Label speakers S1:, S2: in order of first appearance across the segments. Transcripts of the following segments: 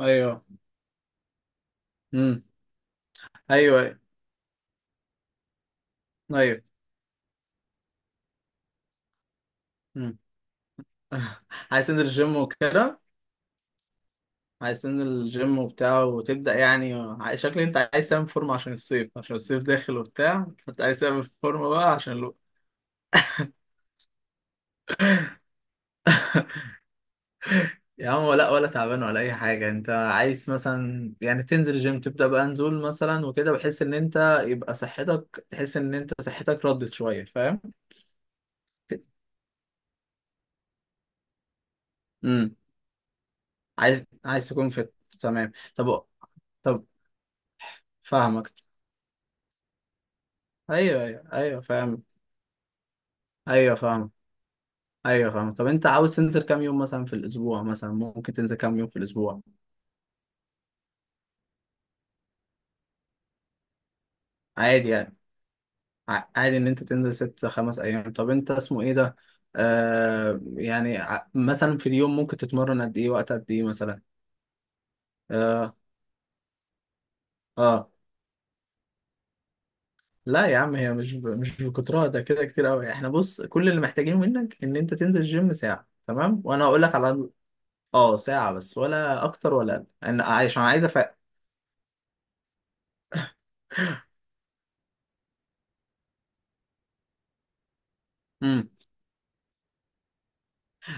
S1: ايوه. امم. ايوه، ايوه، ايوه. امم عايزين الجيم وكده. عايزين الجيم وبتاع وتبدأ يعني، شكلي انت عايز تعمل فورمة عشان الصيف عشان الصيف داخل وبتاع، فانت عايز تعمل فورمة بقى عشان لو... يا عم، لا ولا تعبان ولا اي حاجة. انت عايز مثلا يعني تنزل الجيم تبدأ بقى نزول مثلا وكده، بحيث ان انت يبقى صحتك تحس ان انت صحتك ردت شوية، فاهم؟ امم عايز تكون فت، تمام. طب، فاهمك. ايوه، ايوه، ايوه، فاهم. ايوه فاهم. ايوه فاهم. طب انت عاوز تنزل كام يوم مثلا في الاسبوع؟ مثلا ممكن تنزل كام يوم في الاسبوع؟ عادي يعني. عادي ان انت تنزل ست خمس ايام. طب انت اسمه ايه ده، يعني مثلا في اليوم ممكن تتمرن قد ايه، وقت قد ايه مثلا؟ اه. اه. لا يا عم، هي مش بالكترة ده، كده كتير قوي. احنا بص، كل اللي محتاجينه منك ان انت تنزل الجيم ساعة، تمام؟ وانا هقول لك على... اه، ساعة بس، ولا اكتر ولا اقل، انا عشان عايز افهم.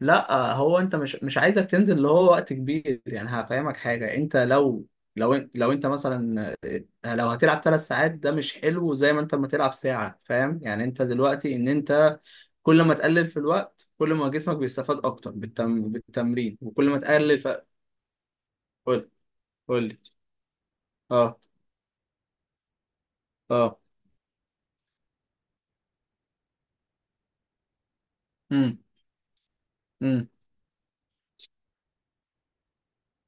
S1: لا، هو انت مش عايزك تنزل اللي هو وقت كبير. يعني هفهمك حاجه، انت لو... لو انت مثلا، لو هتلعب ثلاث ساعات ده مش حلو زي ما انت ما تلعب ساعه، فاهم؟ يعني انت دلوقتي ان انت كل ما تقلل في الوقت كل ما جسمك بيستفاد اكتر بالتمرين، وكل ما تقلل قول. قول لي. اه. اه. امم امم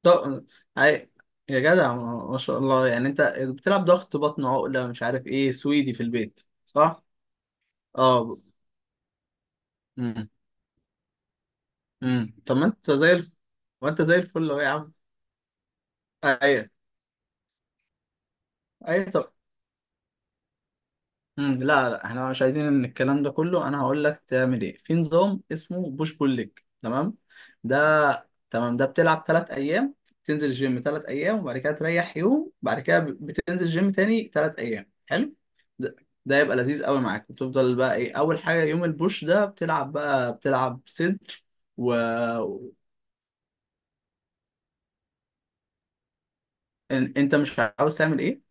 S1: طب. عي- يا جدع، ما شاء الله. يعني انت بتلعب ضغط بطن عقله، مش عارف ايه، سويدي في البيت. صح. اه. طب ما انت زي الفل اهو يا عم. ايوه، ايوه، طب. لا لا، احنا مش عايزين ان الكلام ده كله. انا هقول لك تعمل ايه، في نظام اسمه بوش بول ليج، تمام؟ ده... تمام، ده بتلعب ثلاث ايام، تنزل الجيم ثلاث ايام وبعد كده تريح يوم، بعد كده بتنزل الجيم تاني ثلاث ايام، حلو؟ ده, ده يبقى لذيذ قوي معاك. بتفضل بقى ايه، اول حاجه يوم البوش ده بتلعب بقى، بتلعب صدر و... انت مش عاوز تعمل ايه؟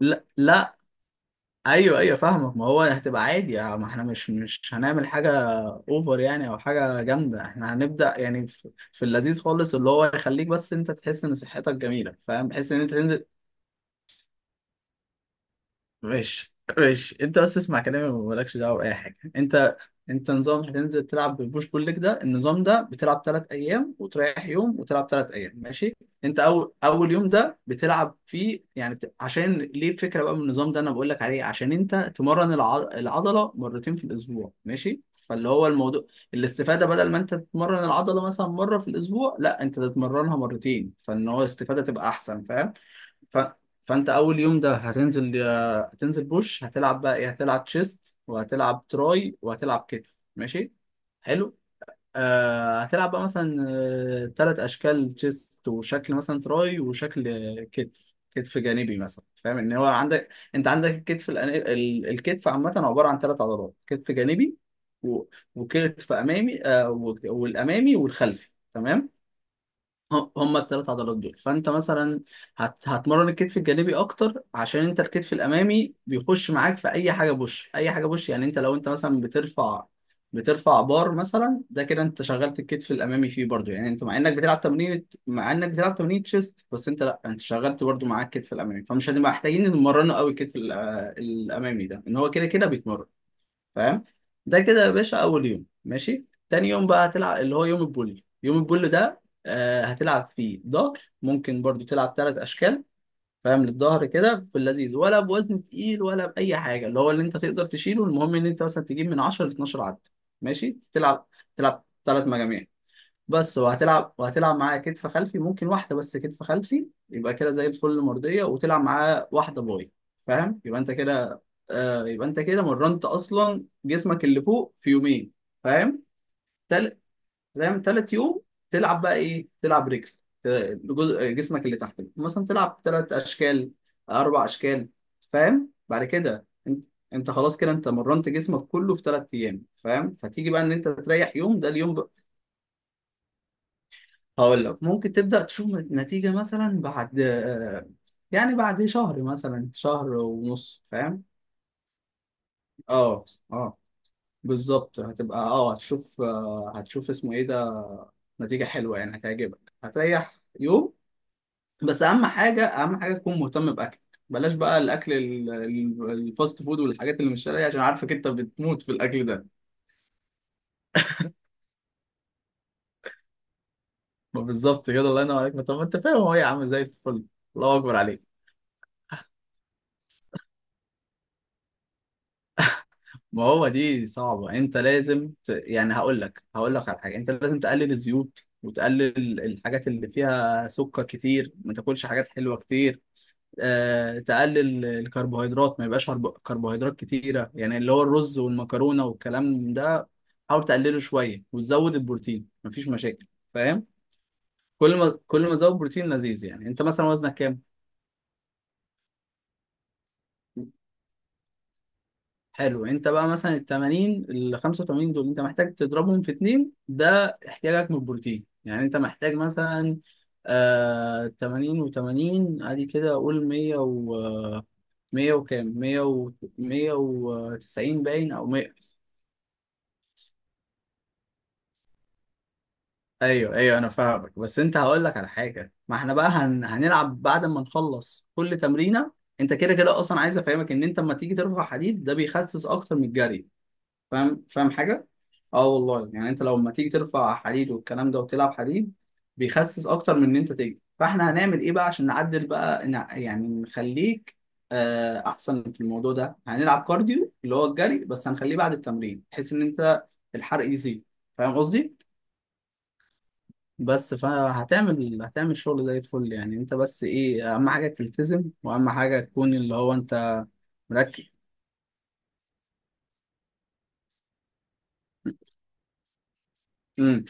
S1: لا لا، ايوه ايوه فاهمك. ما هو هتبقى عادي يعني، ما احنا مش هنعمل حاجه اوفر يعني، او حاجه جامده. احنا هنبدا يعني في اللذيذ خالص، اللي هو يخليك بس انت تحس ان صحتك جميله، فاهم؟ تحس ان انت تنزل. ماشي، ماشي. انت بس اسمع كلامي ومالكش دعوه باي حاجه. انت، انت نظام هتنزل تلعب ببوش بول ليج. ده النظام ده بتلعب ثلاث ايام وتريح يوم وتلعب ثلاث ايام، ماشي؟ انت اول اول يوم ده بتلعب فيه يعني عشان ليه الفكره بقى من النظام ده انا بقول لك عليه، عشان انت تمرن العضله مرتين في الاسبوع، ماشي؟ فاللي هو الموضوع الاستفاده، بدل ما انت تتمرن العضله مثلا مره في الاسبوع، لا انت تتمرنها مرتين، فان هو الاستفاده تبقى احسن، فاهم؟ ف... فانت اول يوم ده هتنزل بوش، هتلعب بقى ايه، هتلعب تشيست وهتلعب تراي وهتلعب كتف، ماشي؟ حلو. هتلعب بقى مثلا، تلات اشكال تشيست، وشكل مثلا تراي، وشكل كتف، كتف جانبي مثلا، فاهم؟ ان هو عندك، انت عندك الكتف الكتف عامه عباره عن ثلاث عضلات: كتف جانبي و... وكتف امامي، والامامي والخلفي، تمام؟ هم الثلاث عضلات دول. فانت مثلا هتمرن الكتف الجانبي اكتر، عشان انت الكتف الامامي بيخش معاك في اي حاجه بوش، اي حاجه بوش يعني انت لو انت مثلا بترفع بار مثلا، ده كده انت شغلت الكتف الامامي فيه برضو. يعني انت مع انك بتلعب تمرين، تشيست بس، انت لا، انت شغلت برضو معاك الكتف الامامي، فمش هنبقى محتاجين نمرنه قوي الكتف الامامي ده، ان هو كده كده بيتمرن، فاهم؟ ده كده يا باشا اول يوم، ماشي. تاني يوم بقى هتلعب اللي هو يوم البول. يوم البول ده هتلعب فيه ظهر، ممكن برضو تلعب ثلاث اشكال، فاهم؟ للظهر كده في اللذيذ، ولا بوزن تقيل ولا باي حاجه، اللي هو اللي انت تقدر تشيله. المهم ان انت مثلا تجيب من 10 ل 12 عد، ماشي؟ تلعب ثلاث مجاميع بس. وهتلعب معاه كتف خلفي، ممكن واحدة بس كتف خلفي، يبقى كده زي الفل مرضية، وتلعب معاه واحدة باي، فاهم؟ يبقى انت كده، يبقى انت كده مرنت اصلا جسمك اللي فوق في يومين، فاهم؟ تل... فاهم، تالت يوم تلعب بقى ايه، تلعب رجل، ت- جزء جسمك اللي تحت، مثلا تلعب تلات اشكال، اربع اشكال، فاهم؟ بعد كده انت خلاص كده انت مرنت جسمك كله في تلات ايام، فاهم؟ فتيجي بقى ان انت تريح يوم، ده اليوم. هقول لك ممكن تبدأ تشوف نتيجة مثلا بعد يعني بعد شهر مثلا، شهر ونص، فاهم؟ اه. اه. بالظبط. هتبقى اه هتشوف، هتشوف اسمه ايه ده، نتيجة حلوة يعني هتعجبك. هتريح يوم بس. أهم حاجة، تكون مهتم بأكلك. بلاش بقى الأكل الفاست فود والحاجات اللي مش شرعية، عشان عارفك أنت بتموت في الأكل ده. ما بالظبط كده، الله ينور عليك. ما طب ما أنت فاهم، هو يا عم زي الفل. الله أكبر عليك. ما هو دي صعبة. انت لازم يعني هقول لك، على حاجة، انت لازم تقلل الزيوت وتقلل الحاجات اللي فيها سكر كتير، ما تاكلش حاجات حلوة كتير. تقلل الكربوهيدرات، ما يبقاش كربوهيدرات كتيرة، يعني اللي هو الرز والمكرونة والكلام ده. حاول تقلله شوية وتزود البروتين، مفيش مشاكل، فاهم؟ كل ما تزود بروتين لذيذ. يعني انت مثلا وزنك كام؟ حلو، انت بقى مثلا ال 80 ال 85 دول انت محتاج تضربهم في اتنين، ده احتياجك من البروتين. يعني انت محتاج مثلا 80 و80 ادي كده، اقول 100 100 وكام، 100 و 190 باين، او 100. ايوه ايوه انا فاهمك، بس انت هقول لك على حاجه، ما احنا بقى هنلعب بعد ما نخلص كل تمرينه. انت كده كده اصلا، عايز افهمك ان انت لما تيجي ترفع حديد ده بيخسس اكتر من الجري، فاهم؟ فاهم حاجه؟ اه والله، يعني انت لما تيجي ترفع حديد والكلام ده وتلعب حديد بيخسس اكتر من ان انت تجري. فاحنا هنعمل ايه بقى عشان نعدل بقى، يعني نخليك احسن في الموضوع ده، هنلعب كارديو اللي هو الجري، بس هنخليه بعد التمرين، بحيث ان انت الحرق يزيد، فاهم قصدي؟ فهتعمل، شغل زي الفل. يعني انت بس ايه، اهم حاجه تلتزم، واهم حاجه تكون اللي هو انت مركز. امم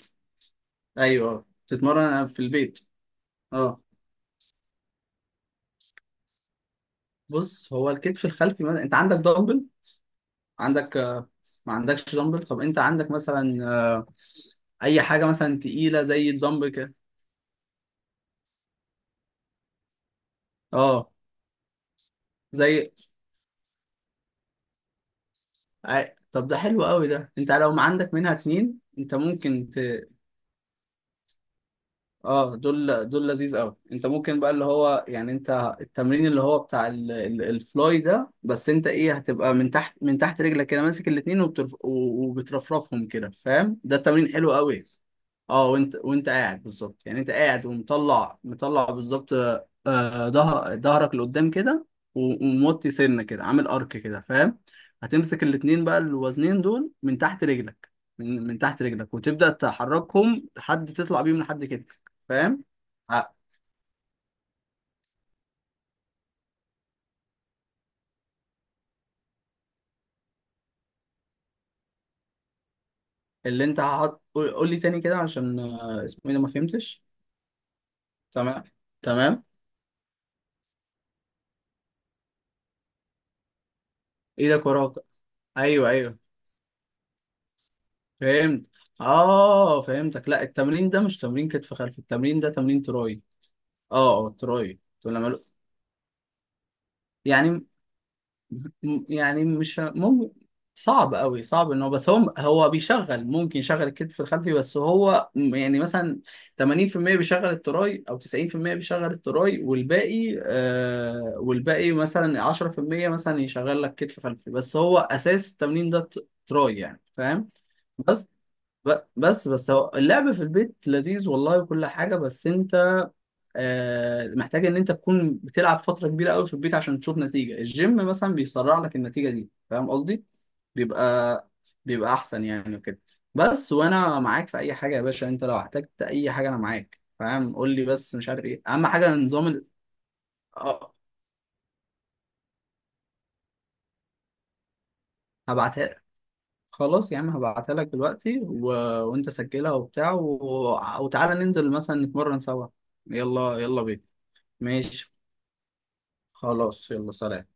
S1: ايوه، تتمرن في البيت. اه، بص هو الكتف الخلفي، مثلا انت عندك دمبل؟ عندك ما عندكش دمبل؟ طب انت عندك مثلا اي حاجه مثلا تقيله زي الدمبل كده. اه زي طب ده حلو قوي ده، انت لو ما عندك منها اتنين، انت ممكن اه دول، لذيذ قوي. انت ممكن بقى اللي هو يعني انت التمرين اللي هو بتاع الفلاي ده، بس انت ايه، هتبقى من تحت، رجلك كده ماسك الاتنين، وبترفرفهم كده، فاهم؟ ده التمرين حلو قوي. اه، وانت قاعد، بالظبط. يعني انت قاعد، مطلع بالظبط، ظهرك لقدام كده، وموطي سنه كده، عامل ارك كده، فاهم؟ هتمسك الاتنين بقى الوزنين دول من تحت رجلك، من تحت رجلك، وتبدأ تحركهم لحد تطلع بيهم لحد كتفك، فاهم؟ ع- اللي انت هحط، قول، قول لي تاني كده عشان اسمه ايه ده، ما فهمتش. تمام. تمام. ايدك وراك، ايوه ايوه فهمت. اه فهمتك. لا، التمرين ده مش تمرين كتف خلفي، التمرين ده تمرين تراي. اه تراي. ولا ماله يعني. يعني مش ممكن، صعب قوي، صعب. ان هو بس، هو بيشغل، ممكن يشغل الكتف الخلفي، بس هو يعني مثلا 80% بيشغل التراي، او 90% بيشغل التراي، والباقي والباقي مثلا 10% مثلا يشغل لك كتف خلفي، بس هو اساس التمرين ده تراي يعني، فاهم؟ بس ب- بس بس هو اللعب في البيت لذيذ والله، وكل حاجة، بس انت محتاج ان انت تكون بتلعب فتره كبيره قوي في البيت عشان تشوف نتيجه، الجيم مثلا بيسرع لك النتيجه دي، فاهم قصدي؟ بيبقى بيبقى احسن يعني وكده. بس وانا معاك في اي حاجه يا باشا، انت لو احتجت اي حاجه انا معاك، فاهم؟ قول لي بس. مش عارف ايه، اهم حاجه نظام اه، هبعتها لك. يا عم، هبعتها لك دلوقتي وانت سجلها وبتاع وتعالى ننزل مثلا نتمرن سوا. يلا، يلا بينا. ماشي. خلاص يلا، سلام.